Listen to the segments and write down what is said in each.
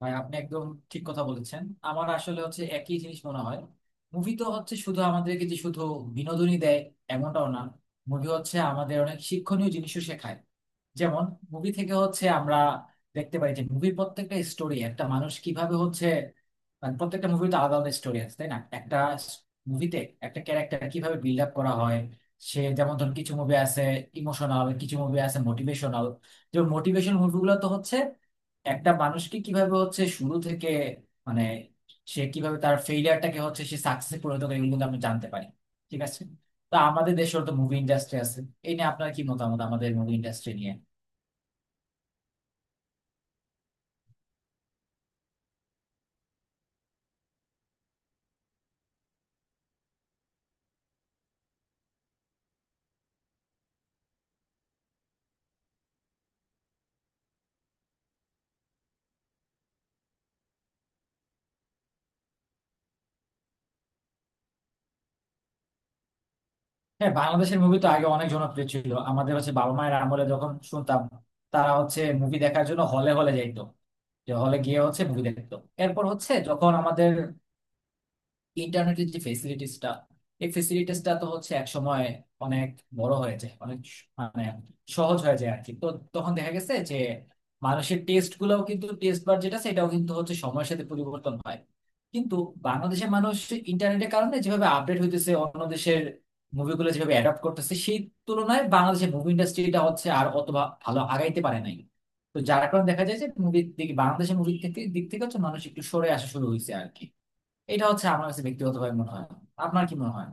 ভাই আপনি একদম ঠিক কথা বলেছেন। আমার আসলে হচ্ছে একই জিনিস মনে হয়। মুভি তো হচ্ছে শুধু আমাদেরকে যে শুধু বিনোদনই দেয়, এমনটাও না। মুভি হচ্ছে আমাদের অনেক শিক্ষণীয় জিনিসও শেখায়। যেমন মুভি থেকে হচ্ছে আমরা দেখতে পাই যে মুভির প্রত্যেকটা স্টোরি একটা মানুষ কিভাবে হচ্ছে, মানে প্রত্যেকটা মুভি তো আলাদা আলাদা স্টোরি আছে, তাই না? একটা মুভিতে একটা ক্যারেক্টার কিভাবে বিল্ড আপ করা হয়। সে যেমন ধরুন কিছু মুভি আছে ইমোশনাল, কিছু মুভি আছে মোটিভেশনাল। যেমন মোটিভেশন মুভিগুলো তো হচ্ছে একটা মানুষকে কিভাবে হচ্ছে শুরু থেকে, মানে সে কিভাবে তার ফেইলিয়ারটাকে হচ্ছে সে সাকসেসে পরিণত করে, এগুলো কিন্তু আমরা জানতে পারি। ঠিক আছে, তো আমাদের দেশের তো মুভি ইন্ডাস্ট্রি আছে, এই নিয়ে আপনার কি মতামত আমাদের মুভি ইন্ডাস্ট্রি নিয়ে? হ্যাঁ, বাংলাদেশের মুভি তো আগে অনেক জনপ্রিয় ছিল। আমাদের হচ্ছে বাবা মায়ের আমলে যখন শুনতাম, তারা হচ্ছে মুভি দেখার জন্য হলে হলে যাইতো, যে হলে গিয়ে হচ্ছে মুভি দেখতো। এরপর হচ্ছে যখন আমাদের ইন্টারনেটের যে ফেসিলিটিসটা, এই ফেসিলিটিসটা তো হচ্ছে এক সময় অনেক বড় হয়ে যায়, অনেক মানে সহজ হয়ে যায় আর কি। তো তখন দেখা গেছে যে মানুষের টেস্ট গুলাও কিন্তু, টেস্ট বার যেটা, সেটাও কিন্তু হচ্ছে সময়ের সাথে পরিবর্তন হয়। কিন্তু বাংলাদেশের মানুষ ইন্টারনেটের কারণে যেভাবে আপডেট হইতেছে, অন্য দেশের মুভিগুলো যেভাবে অ্যাডাপ্ট করতেছে, সেই তুলনায় বাংলাদেশের মুভি ইন্ডাস্ট্রিটা হচ্ছে আর অত ভালো আগাইতে পারে নাই। তো যার কারণে দেখা যায় যে মুভির দিকে, বাংলাদেশের মুভির দিক থেকে হচ্ছে মানুষ একটু সরে আসা শুরু হয়েছে আর কি। এটা হচ্ছে আমার কাছে ব্যক্তিগতভাবে মনে হয়। আপনার কি মনে হয়?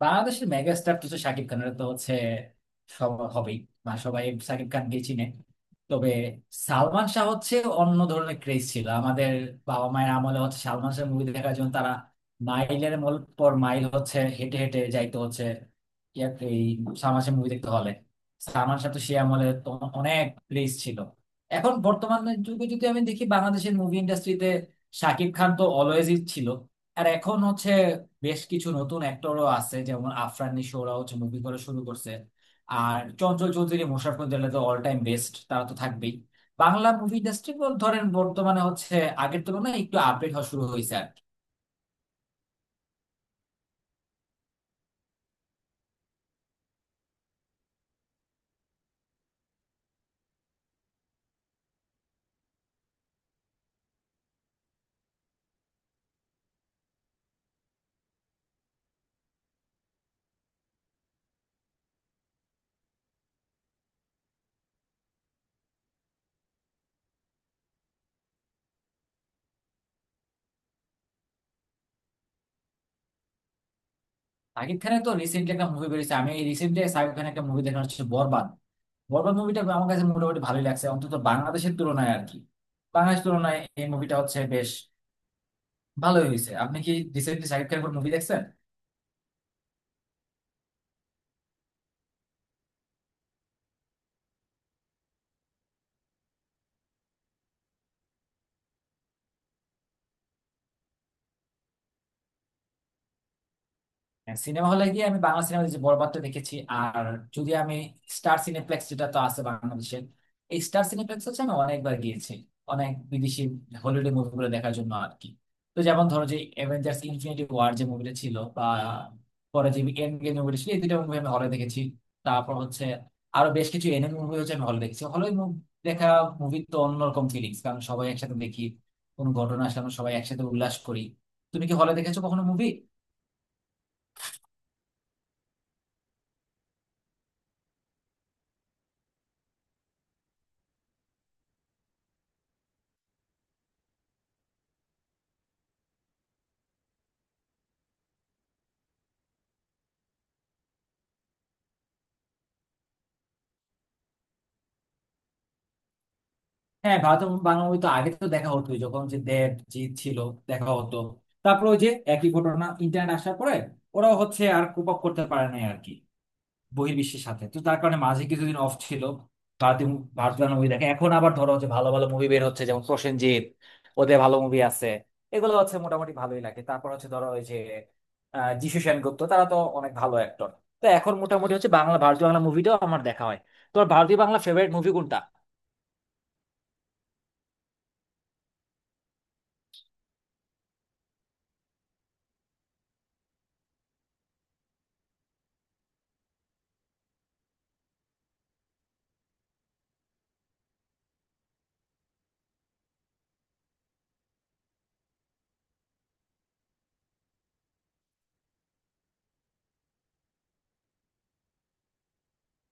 বাংলাদেশের মেগা স্টার তো হচ্ছে শাকিব খান, এটা তো হচ্ছে সব হবেই, মানে সবাই শাকিব খানকে চিনে। তবে সালমান শাহ হচ্ছে অন্য ধরনের ক্রেজ ছিল। আমাদের বাবা মায়ের আমলে হচ্ছে সালমান শাহ মুভি দেখার জন্য তারা মাইলের পর মাইল হচ্ছে হেঁটে হেঁটে যাইতো হচ্ছে এই সালমান শাহ মুভি দেখতে হলে। সালমান শাহ তো সে আমলে তো অনেক ক্রেজ ছিল। এখন বর্তমান যুগে যদি আমি দেখি বাংলাদেশের মুভি ইন্ডাস্ট্রিতে, শাকিব খান তো অলওয়েজই ছিল। আর এখন হচ্ছে বেশ কিছু নতুন অ্যাক্টরও আছে, যেমন আফরান নিশো, ওরা হচ্ছে মুভি করা শুরু করছে। আর চঞ্চল চৌধুরী, মোশাররফ করিমের তো অল টাইম বেস্ট, তারা তো থাকবেই। বাংলা মুভি ইন্ডাস্ট্রি ধরেন বর্তমানে হচ্ছে আগের তুলনায় একটু আপডেট হওয়া শুরু হয়েছে আর কি। শাকিব খানের তো রিসেন্টলি একটা মুভি বেরিয়েছে, আমি রিসেন্টলি শাকিব খানের একটা মুভি দেখা হচ্ছে বরবাদ। বরবাদ মুভিটা আমার কাছে মোটামুটি ভালোই লাগছে, অন্তত বাংলাদেশের তুলনায় আর কি। বাংলাদেশের তুলনায় এই মুভিটা হচ্ছে বেশ ভালোই হয়েছে। আপনি কি রিসেন্টলি শাকিব খানের মুভি দেখছেন? সিনেমা হলে গিয়ে আমি বাংলা সিনেমা যে বরবাদটা দেখেছি, আর যদি আমি স্টার সিনেপ্লেক্স যেটা তো আছে বাংলাদেশের, এই স্টার সিনেপ্লেক্স হচ্ছে আমি অনেকবার গিয়েছি অনেক বিদেশি হলিউডের মুভিগুলো দেখার জন্য আর কি। তো যেমন ধরো যে অ্যাভেঞ্জার্স ইনফিনিটি ওয়ার যে মুভিটা ছিল, বা পরে যে এন্ড গেম মুভিটা ছিল, এই দুটো মুভি আমি হলে দেখেছি। তারপর হচ্ছে আরো বেশ কিছু এনিমে মুভি হচ্ছে আমি হলে দেখেছি। হলে দেখা মুভি তো অন্যরকম ফিলিংস, কারণ সবাই একসাথে দেখি, কোনো ঘটনা আসলে আমরা সবাই একসাথে উল্লাস করি। তুমি কি হলে দেখেছো কখনো মুভি? হ্যাঁ, ভারত এবং বাংলা মুভি তো আগে তো দেখা হতো, যখন যে দেব জিৎ ছিল দেখা হতো। তারপর ওই যে একই ঘটনা ইন্টারনেট আসার পরে ওরাও হচ্ছে আর কোপ আপ করতে পারে নাই আর কি বহির্বিশ্বের সাথে। তো তার কারণে মাঝে কিছুদিন অফ ছিল ভারতীয় মুভি দেখে। এখন আবার ধরো হচ্ছে ভালো ভালো মুভি বের হচ্ছে যেমন প্রসেনজিৎ, ওদের ভালো মুভি আছে, এগুলো হচ্ছে মোটামুটি ভালোই লাগে। তারপর হচ্ছে ধরো ওই যে যিশু সেনগুপ্ত, তারা তো অনেক ভালো অ্যাক্টর। তো এখন মোটামুটি হচ্ছে বাংলা ভারতীয় বাংলা মুভিটাও আমার দেখা হয়। তোমার ভারতীয় বাংলা ফেভারিট মুভি কোনটা?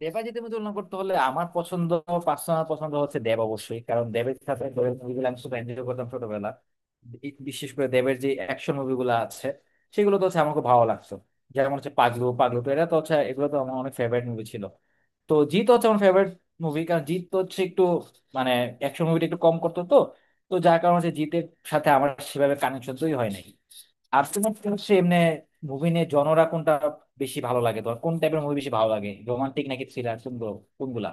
দেবাজিতের মধ্যে তুলনা করতে হলে আমার পছন্দ, পার্সোনাল পছন্দ হচ্ছে দেব অবশ্যই, কারণ দেবের সাথে, দেবের মুভিগুলো আমি খুব এনজয় করতাম ছোটবেলা। বিশেষ করে দেবের যে অ্যাকশন মুভিগুলো আছে সেগুলো তো হচ্ছে আমার খুব ভালো লাগতো। যেমন হচ্ছে পাগলু, পাগলু তো এটা তো হচ্ছে, এগুলো তো আমার অনেক ফেভারিট মুভি ছিল। তো জিত হচ্ছে আমার ফেভারিট মুভি, কারণ জিত তো হচ্ছে একটু, মানে অ্যাকশন মুভিটা একটু কম করতো, তো তো যার কারণে হচ্ছে জিতের সাথে আমার সেভাবে কানেকশন তৈরি হয় নাই। আর তোমার কি হচ্ছে এমনি মুভি নিয়ে জনরা কোনটা বেশি ভালো লাগে? তোমার কোন টাইপের মুভি বেশি ভালো লাগে, রোমান্টিক নাকি থ্রিলার, কোনগুলো কোনগুলা?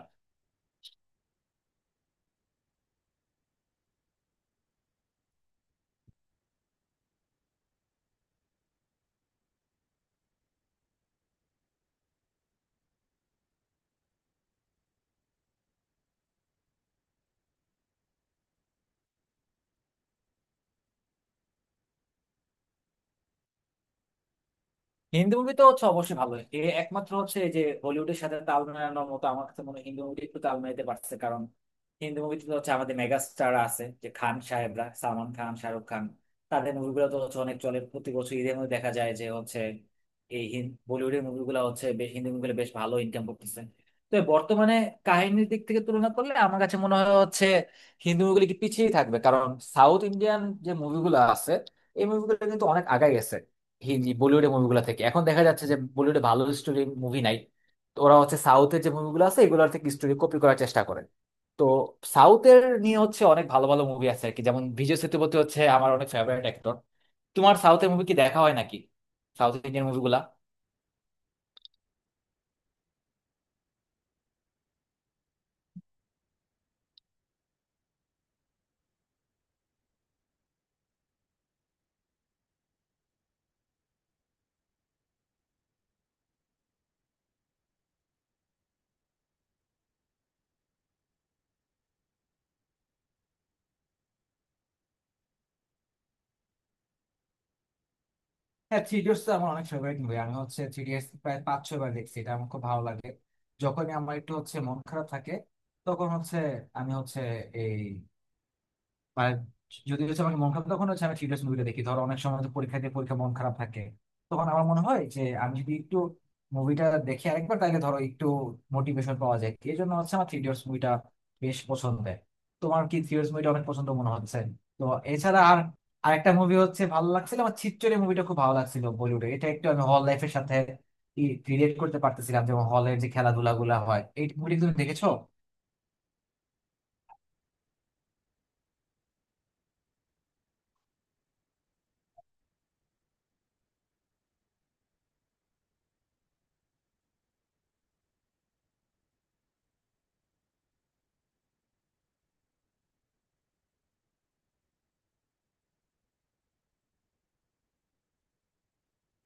হিন্দি মুভি তো হচ্ছে অবশ্যই ভালো। এ একমাত্র হচ্ছে এই যে হলিউডের সাথে তাল মেলানোর মতো আমার কাছে মনে হয় হিন্দি মুভি একটু তাল মেলাতে পারছে, কারণ হিন্দি মুভিতে তো হচ্ছে আমাদের মেগা স্টার আছে, যে খান সাহেবরা, সালমান খান, শাহরুখ খান, তাদের মুভিগুলো তো হচ্ছে অনেক চলে। প্রতি বছর ঈদের মধ্যে দেখা যায় যে হচ্ছে এই বলিউডের মুভিগুলো হচ্ছে বেশ, হিন্দি মুভিগুলো বেশ ভালো ইনকাম করতেছে। তো বর্তমানে কাহিনীর দিক থেকে তুলনা করলে আমার কাছে মনে হয় হচ্ছে হিন্দি মুভিগুলো কি পিছিয়েই থাকবে, কারণ সাউথ ইন্ডিয়ান যে মুভিগুলো আছে, এই মুভিগুলো কিন্তু অনেক আগায় গেছে হি জি বলিউডের মুভিগুলো থেকে। এখন দেখা যাচ্ছে যে বলিউডে ভালো স্টোরি মুভি নাই, তো ওরা হচ্ছে সাউথের যে মুভিগুলো আছে এগুলোর থেকে স্টোরি কপি করার চেষ্টা করে। তো সাউথের নিয়ে হচ্ছে অনেক ভালো ভালো মুভি আছে আর কি, যেমন বিজয় সেতুপতি হচ্ছে আমার অনেক ফেভারিট অ্যাক্টর। তোমার সাউথের মুভি কি দেখা হয় নাকি, সাউথ ইন্ডিয়ান মুভিগুলা? হ্যাঁ, থ্রি ইডিয়টস তো আমার অনেক ফেভারিট মুভি। আমি হচ্ছে থ্রি ইডিয়টস প্রায় 5 6 বার দেখছি, এটা আমার খুব ভালো লাগে। যখনই আমার একটু হচ্ছে মন খারাপ থাকে, তখন হচ্ছে আমি হচ্ছে এই, আর যদি হচ্ছে আমাকে মন খারাপ, তখন হচ্ছে আমি থ্রিলার্স মুভিটা দেখি। ধরো অনেক সময় তো পরীক্ষা দিয়ে পরীক্ষা মন খারাপ থাকে, তখন আমার মনে হয় যে আমি যদি একটু মুভিটা দেখি আরেকবার, তাহলে ধরো একটু মোটিভেশন পাওয়া যায়, এই জন্য হচ্ছে আমার থ্রিলার্স মুভিটা বেশ পছন্দের। তোমার কি থ্রিলার্স মুভিটা অনেক পছন্দ মনে হচ্ছে? তো এছাড়া আর আরেকটা মুভি হচ্ছে ভালো লাগছিল আমার, ছিচ্চরে মুভিটা খুব ভালো লাগছিল বলিউডে, এটা একটু আমি হল লাইফের সাথে রিলেট করতে পারতেছিলাম, যেমন হলের যে খেলাধুলা গুলা হয়। এই মুভিটা তুমি দেখেছো?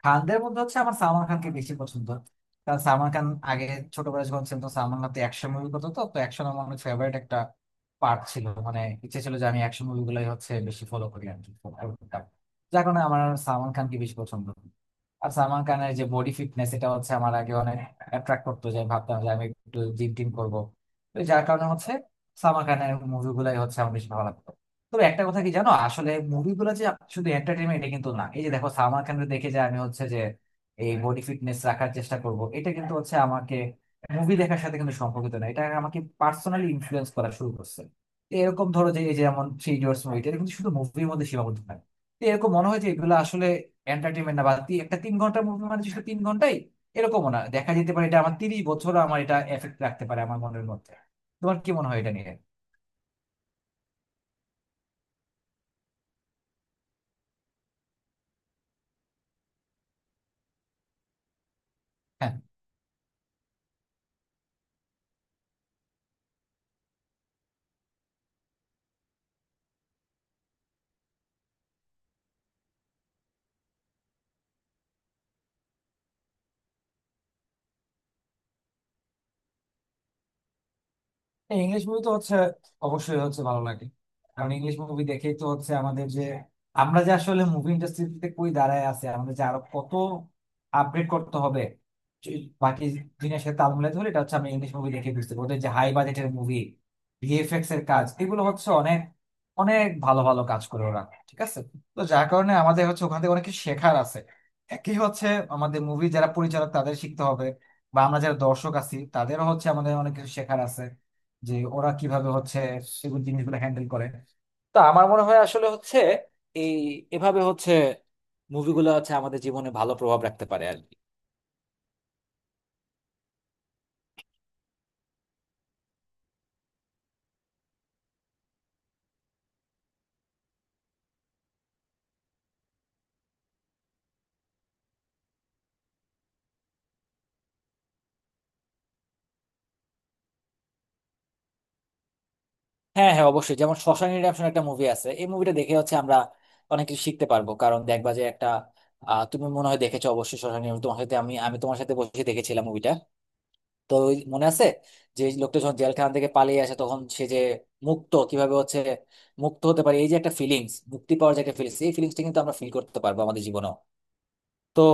খানদের মধ্যে হচ্ছে আমার সালমান খানকে বেশি পছন্দ, কারণ সালমান খান আগে ছোটবেলায় যখন ছিল, তো সালমান খান তো অ্যাকশন মুভি করতো, তো তো অ্যাকশন আমার অনেক ফেভারিট একটা পার্ট ছিল, মানে ইচ্ছে ছিল যে আমি অ্যাকশন মুভিগুলোই হচ্ছে বেশি ফলো করি আর কি, follow করতাম। যার কারণে আমার সালমান খানকে বেশি পছন্দ। আর সালমান খানের যে বডি ফিটনেস, এটা হচ্ছে আমার আগে অনেক অ্যাট্রাক্ট করতো, যে আমি ভাবতাম যে আমি একটু জিম টিম করবো। তো যার কারণে হচ্ছে সালমান খানের মুভিগুলাই হচ্ছে আমার বেশি ভালো লাগতো। তবে একটা কথা কি জানো, আসলে মুভিগুলো যে শুধু এন্টারটেনমেন্ট, এটা কিন্তু না। এই যে দেখো সালমান খানকে দেখে যে আমি হচ্ছে যে এই বডি ফিটনেস রাখার চেষ্টা করব, এটা কিন্তু হচ্ছে আমাকে মুভি দেখার সাথে কিন্তু সম্পর্কিত না, এটা আমাকে পার্সোনালি ইনফ্লুয়েন্স করা শুরু করছে। তো এরকম ধরো যে এই যে যেমন থ্রি ইডিয়টস মুভিটা, এটা কিন্তু শুধু মুভির মধ্যে সীমাবদ্ধ থাকে। তো এরকম মনে হয় যে এগুলো আসলে এন্টারটেনমেন্ট না, বা একটা 3 ঘন্টার মুভি মানে যে শুধু 3 ঘন্টাই, এরকমও না, দেখা যেতে পারে এটা আমার 30 বছর আমার এটা এফেক্ট রাখতে পারে আমার মনের মধ্যে। তোমার কি মনে হয় এটা নিয়ে? হ্যাঁ। ইংলিশ মুভি তো হচ্ছে অবশ্যই হচ্ছে ভালো লাগে, কারণ ইংলিশ মুভি দেখেই তো হচ্ছে আমাদের যে, আমরা যে আসলে মুভি ইন্ডাস্ট্রিতে কই দাঁড়ায় আছে, আমাদের যে আরো কত আপডেট করতে হবে, যে- বাকি জিনিসের সাথে তাল মিলাই ধরে। এটা হচ্ছে আমি ইংলিশ মুভি দেখে বুঝতে পারি ওদের যে হাই বাজেটের মুভি, ভিএফএক্স এর কাজ, এগুলো হচ্ছে অনেক অনেক ভালো ভালো কাজ করে ওরা। ঠিক আছে, তো যার কারণে আমাদের হচ্ছে ওখান থেকে অনেক কিছু শেখার আছে। একই হচ্ছে আমাদের মুভি যারা পরিচালক তাদের শিখতে হবে, বা আমরা যারা দর্শক আছি তাদেরও হচ্ছে আমাদের অনেক কিছু শেখার আছে, যে ওরা কিভাবে হচ্ছে এগুলো জিনিসগুলো হ্যান্ডেল করে। তা আমার মনে হয় আসলে হচ্ছে এই এভাবে হচ্ছে মুভিগুলো হচ্ছে আমাদের জীবনে ভালো প্রভাব রাখতে পারে আর কি। হ্যাঁ হ্যাঁ, অবশ্যই। যেমন শশাঙ্ক রিডেম্পশন একটা মুভি আছে, এই মুভিটা দেখে হচ্ছে আমরা অনেক কিছু শিখতে পারবো, কারণ দেখবা যে একটা, তুমি মনে হয় দেখেছো অবশ্যই শশাঙ্ক Redemption, তোমার সাথে আমি আমি তোমার সাথে বসে দেখেছিলাম মুভিটা, তো ওই মনে আছে, যে এই লোকটা যখন জেলখানা থেকে পালিয়ে আসে, তখন সে যে মুক্ত কিভাবে হচ্ছে মুক্ত হতে পারে, এই যে একটা ফিলিংস মুক্তি পাওয়ার, যে একটা ফিলিংস, এই ফিলিংসটা কিন্তু আমরা ফিল করতে পারবো আমাদের জীবনে। তো